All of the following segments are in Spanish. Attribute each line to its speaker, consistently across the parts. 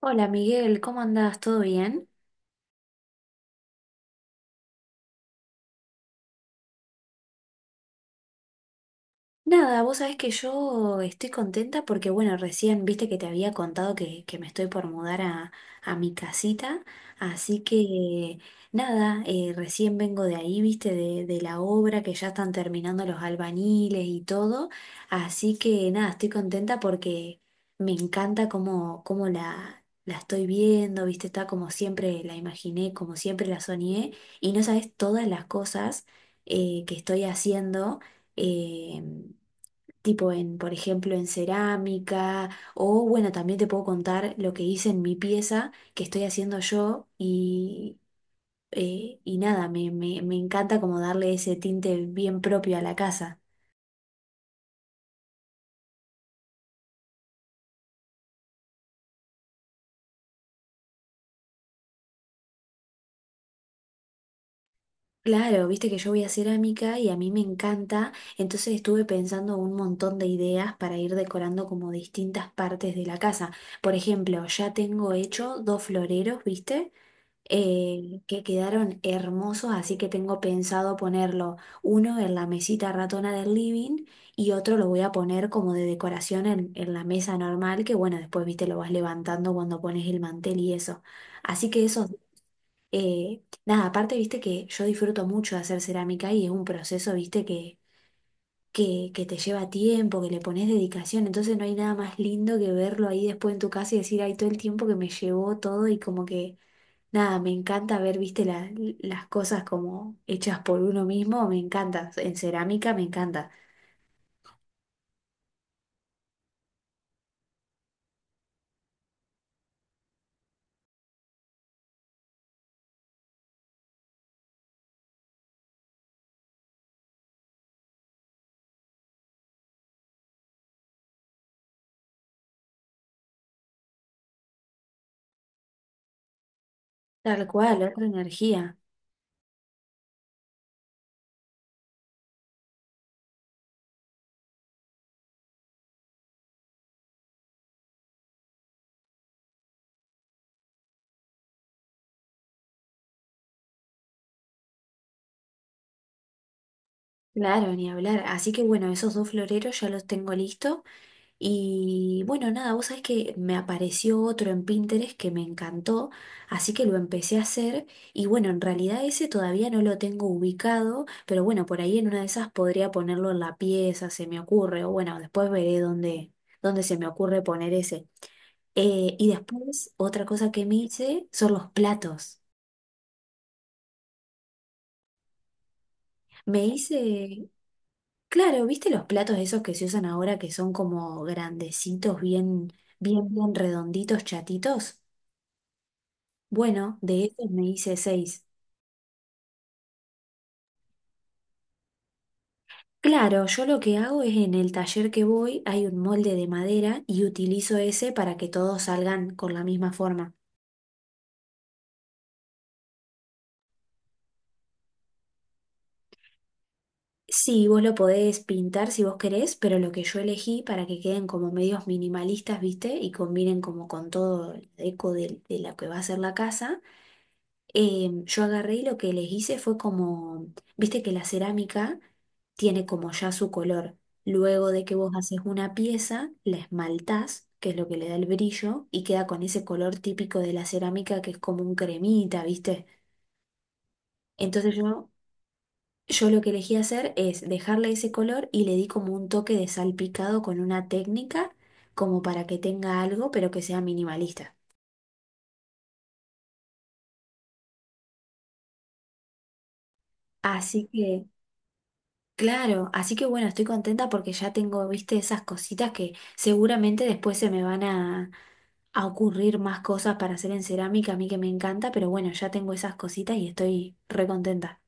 Speaker 1: Hola Miguel, ¿cómo andás? ¿Todo bien? Nada, vos sabés que yo estoy contenta porque, bueno, recién viste que te había contado que me estoy por mudar a mi casita, así que nada, recién vengo de ahí, viste, de la obra que ya están terminando los albañiles y todo, así que nada, estoy contenta porque me encanta cómo la estoy viendo, viste, está como siempre la imaginé, como siempre la soñé, y no sabés todas las cosas que estoy haciendo. eh, tipo por ejemplo, en cerámica, o bueno, también te puedo contar lo que hice en mi pieza que estoy haciendo yo y nada, me encanta como darle ese tinte bien propio a la casa. Claro, viste que yo voy a cerámica y a mí me encanta, entonces estuve pensando un montón de ideas para ir decorando como distintas partes de la casa. Por ejemplo, ya tengo hecho dos floreros, ¿viste? Que quedaron hermosos, así que tengo pensado ponerlo uno en la mesita ratona del living y otro lo voy a poner como de decoración en la mesa normal, que bueno, después, viste, lo vas levantando cuando pones el mantel y eso. Así que eso, nada, aparte, viste que yo disfruto mucho de hacer cerámica y es un proceso, viste, que... Que te lleva tiempo, que le pones dedicación, entonces no hay nada más lindo que verlo ahí después en tu casa y decir, ay, todo el tiempo que me llevó todo y como que nada, me encanta ver, viste, las cosas como hechas por uno mismo, me encanta. En cerámica me encanta. Tal cual, otra energía. Claro, ni hablar. Así que bueno, esos dos floreros ya los tengo listo. Y bueno, nada, vos sabés que me apareció otro en Pinterest que me encantó, así que lo empecé a hacer. Y bueno, en realidad ese todavía no lo tengo ubicado, pero bueno, por ahí en una de esas podría ponerlo en la pieza, se me ocurre, o bueno, después veré dónde se me ocurre poner ese. Y después, otra cosa que me hice son los platos. Me hice, claro, ¿Viste los platos esos que se usan ahora que son como grandecitos, bien redonditos, chatitos? Bueno, de esos me hice seis. Claro, yo lo que hago es en el taller que voy hay un molde de madera y utilizo ese para que todos salgan con la misma forma. Sí, vos lo podés pintar si vos querés, pero lo que yo elegí para que queden como medios minimalistas, ¿viste? Y combinen como con todo el eco de lo que va a ser la casa. Yo agarré y lo que les hice fue como, viste que la cerámica tiene como ya su color. Luego de que vos haces una pieza, la esmaltás, que es lo que le da el brillo, y queda con ese color típico de la cerámica que es como un cremita, ¿viste? Entonces yo lo que elegí hacer es dejarle ese color y le di como un toque de salpicado con una técnica como para que tenga algo, pero que sea minimalista. Así que, claro, así que bueno, estoy contenta porque ya tengo, viste, esas cositas que seguramente después se me van a ocurrir más cosas para hacer en cerámica, a mí que me encanta, pero bueno, ya tengo esas cositas y estoy re contenta.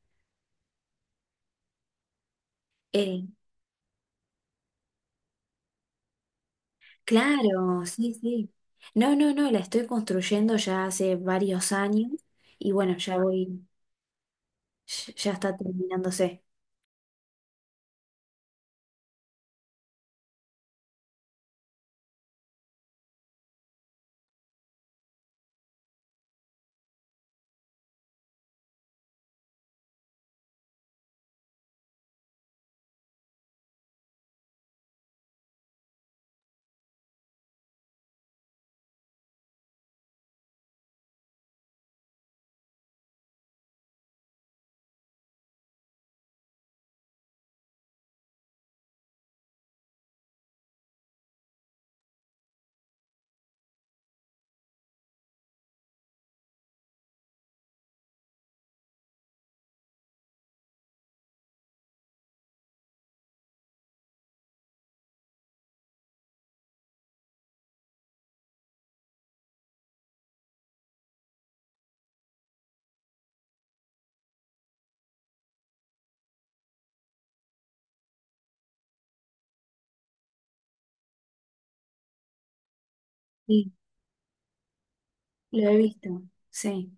Speaker 1: Eh, claro, sí, sí. No, no, no, la estoy construyendo ya hace varios años. Y bueno, ya voy. Ya está terminándose. Sí, lo he visto. Sí,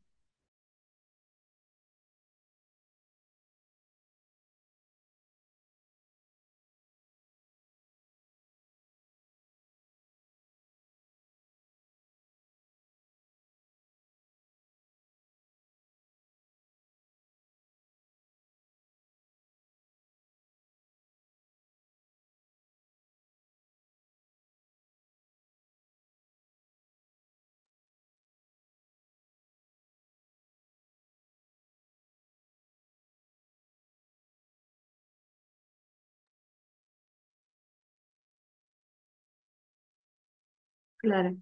Speaker 1: claro.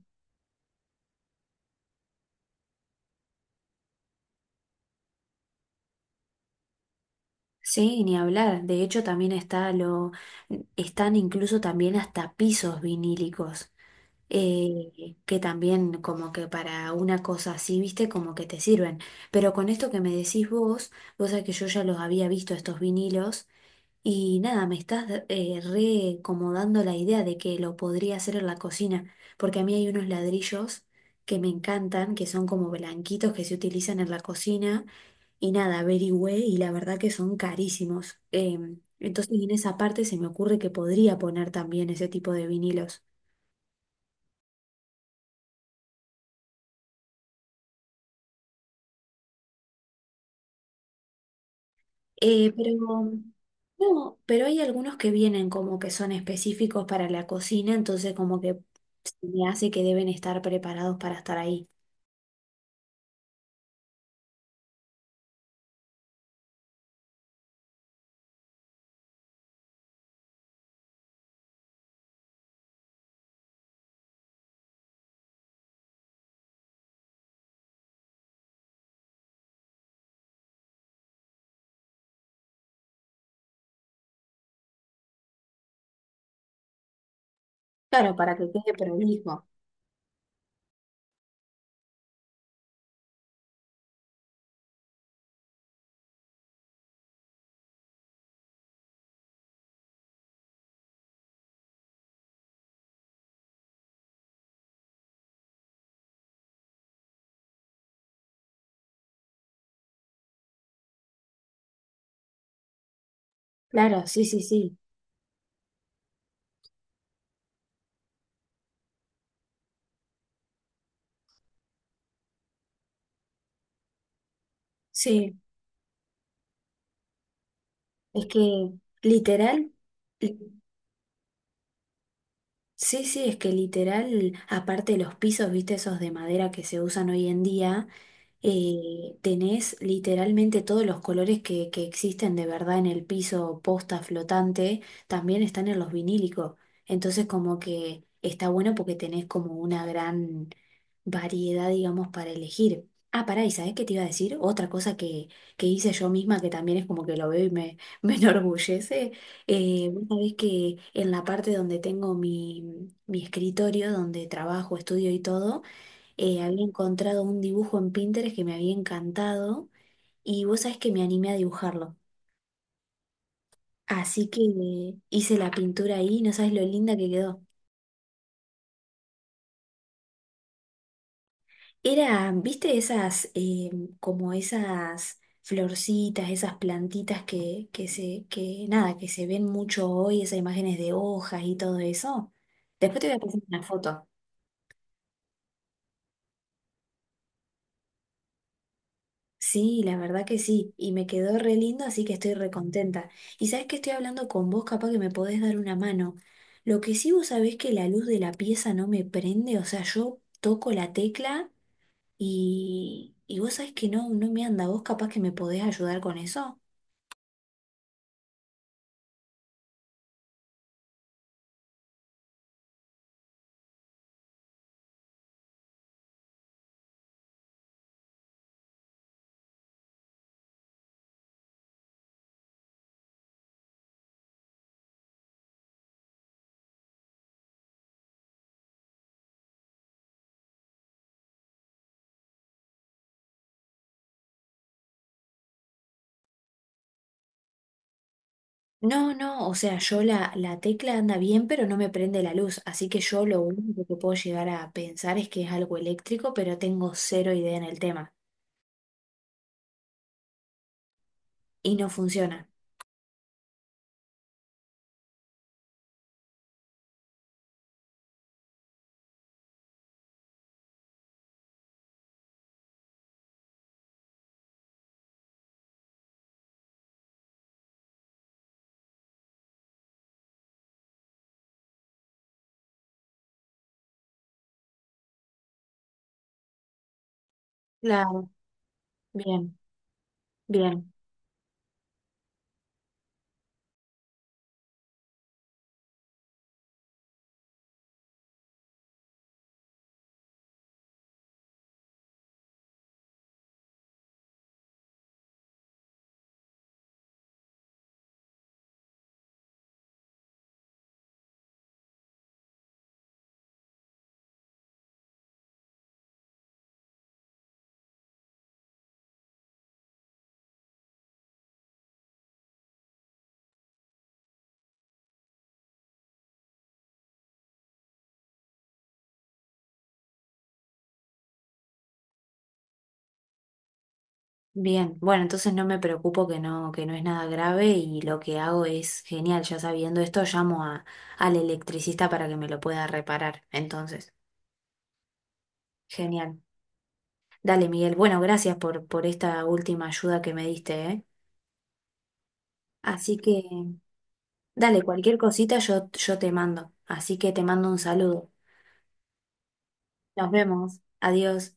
Speaker 1: Sí, ni hablar. De hecho, también está lo, están incluso también hasta pisos vinílicos, que también como que para una cosa así, viste, como que te sirven. Pero con esto que me decís vos, vos sabés que yo ya los había visto estos vinilos. Y nada, me estás re como dando la idea de que lo podría hacer en la cocina, porque a mí hay unos ladrillos que me encantan, que son como blanquitos que se utilizan en la cocina, y nada, averigüé y la verdad que son carísimos. Entonces en esa parte se me ocurre que podría poner también ese tipo de vinilos. Pero no, pero hay algunos que vienen como que son específicos para la cocina, entonces como que se me hace que deben estar preparados para estar ahí. Claro, para que quede prolijo. Claro, sí, sí, sí. Sí, es que literal, li- sí, sí, es que literal, aparte de los pisos, viste, esos de madera que se usan hoy en día. Tenés literalmente todos los colores que existen de verdad en el piso, posta, flotante, también están en los vinílicos. Entonces como que está bueno porque tenés como una gran variedad, digamos, para elegir. Ah, pará, ¿y sabés qué te iba a decir? Otra cosa que hice yo misma, que también es como que lo veo y me, me enorgullece. Vos sabés que en la parte donde tengo mi escritorio, donde trabajo, estudio y todo, había encontrado un dibujo en Pinterest que me había encantado y vos sabés que me animé a dibujarlo. Así que hice la pintura ahí, no sabes lo linda que quedó. Era, ¿viste esas, como esas florcitas, esas plantitas que nada, que se ven mucho hoy, esas imágenes de hojas y todo eso? Después te voy a pasar una foto. Sí, la verdad que sí, y me quedó re lindo, así que estoy re contenta. Y sabes que estoy hablando con vos, capaz que me podés dar una mano. Lo que sí, vos sabés que la luz de la pieza no me prende, o sea, yo toco la tecla y vos sabés que no, no me anda. ¿Vos capaz que me podés ayudar con eso? No, no, o sea, yo la tecla anda bien, pero no me prende la luz, así que yo lo único que puedo llegar a pensar es que es algo eléctrico, pero tengo cero idea en el tema y no funciona. Claro. Bien, bien. Bien, bueno, entonces no me preocupo que no es nada grave y lo que hago es genial, ya sabiendo esto, llamo a, al electricista para que me lo pueda reparar. Entonces, genial. Dale, Miguel. Bueno, gracias por esta última ayuda que me diste, ¿eh? Así que, dale, cualquier cosita yo te mando. Así que te mando un saludo. Nos vemos. Adiós.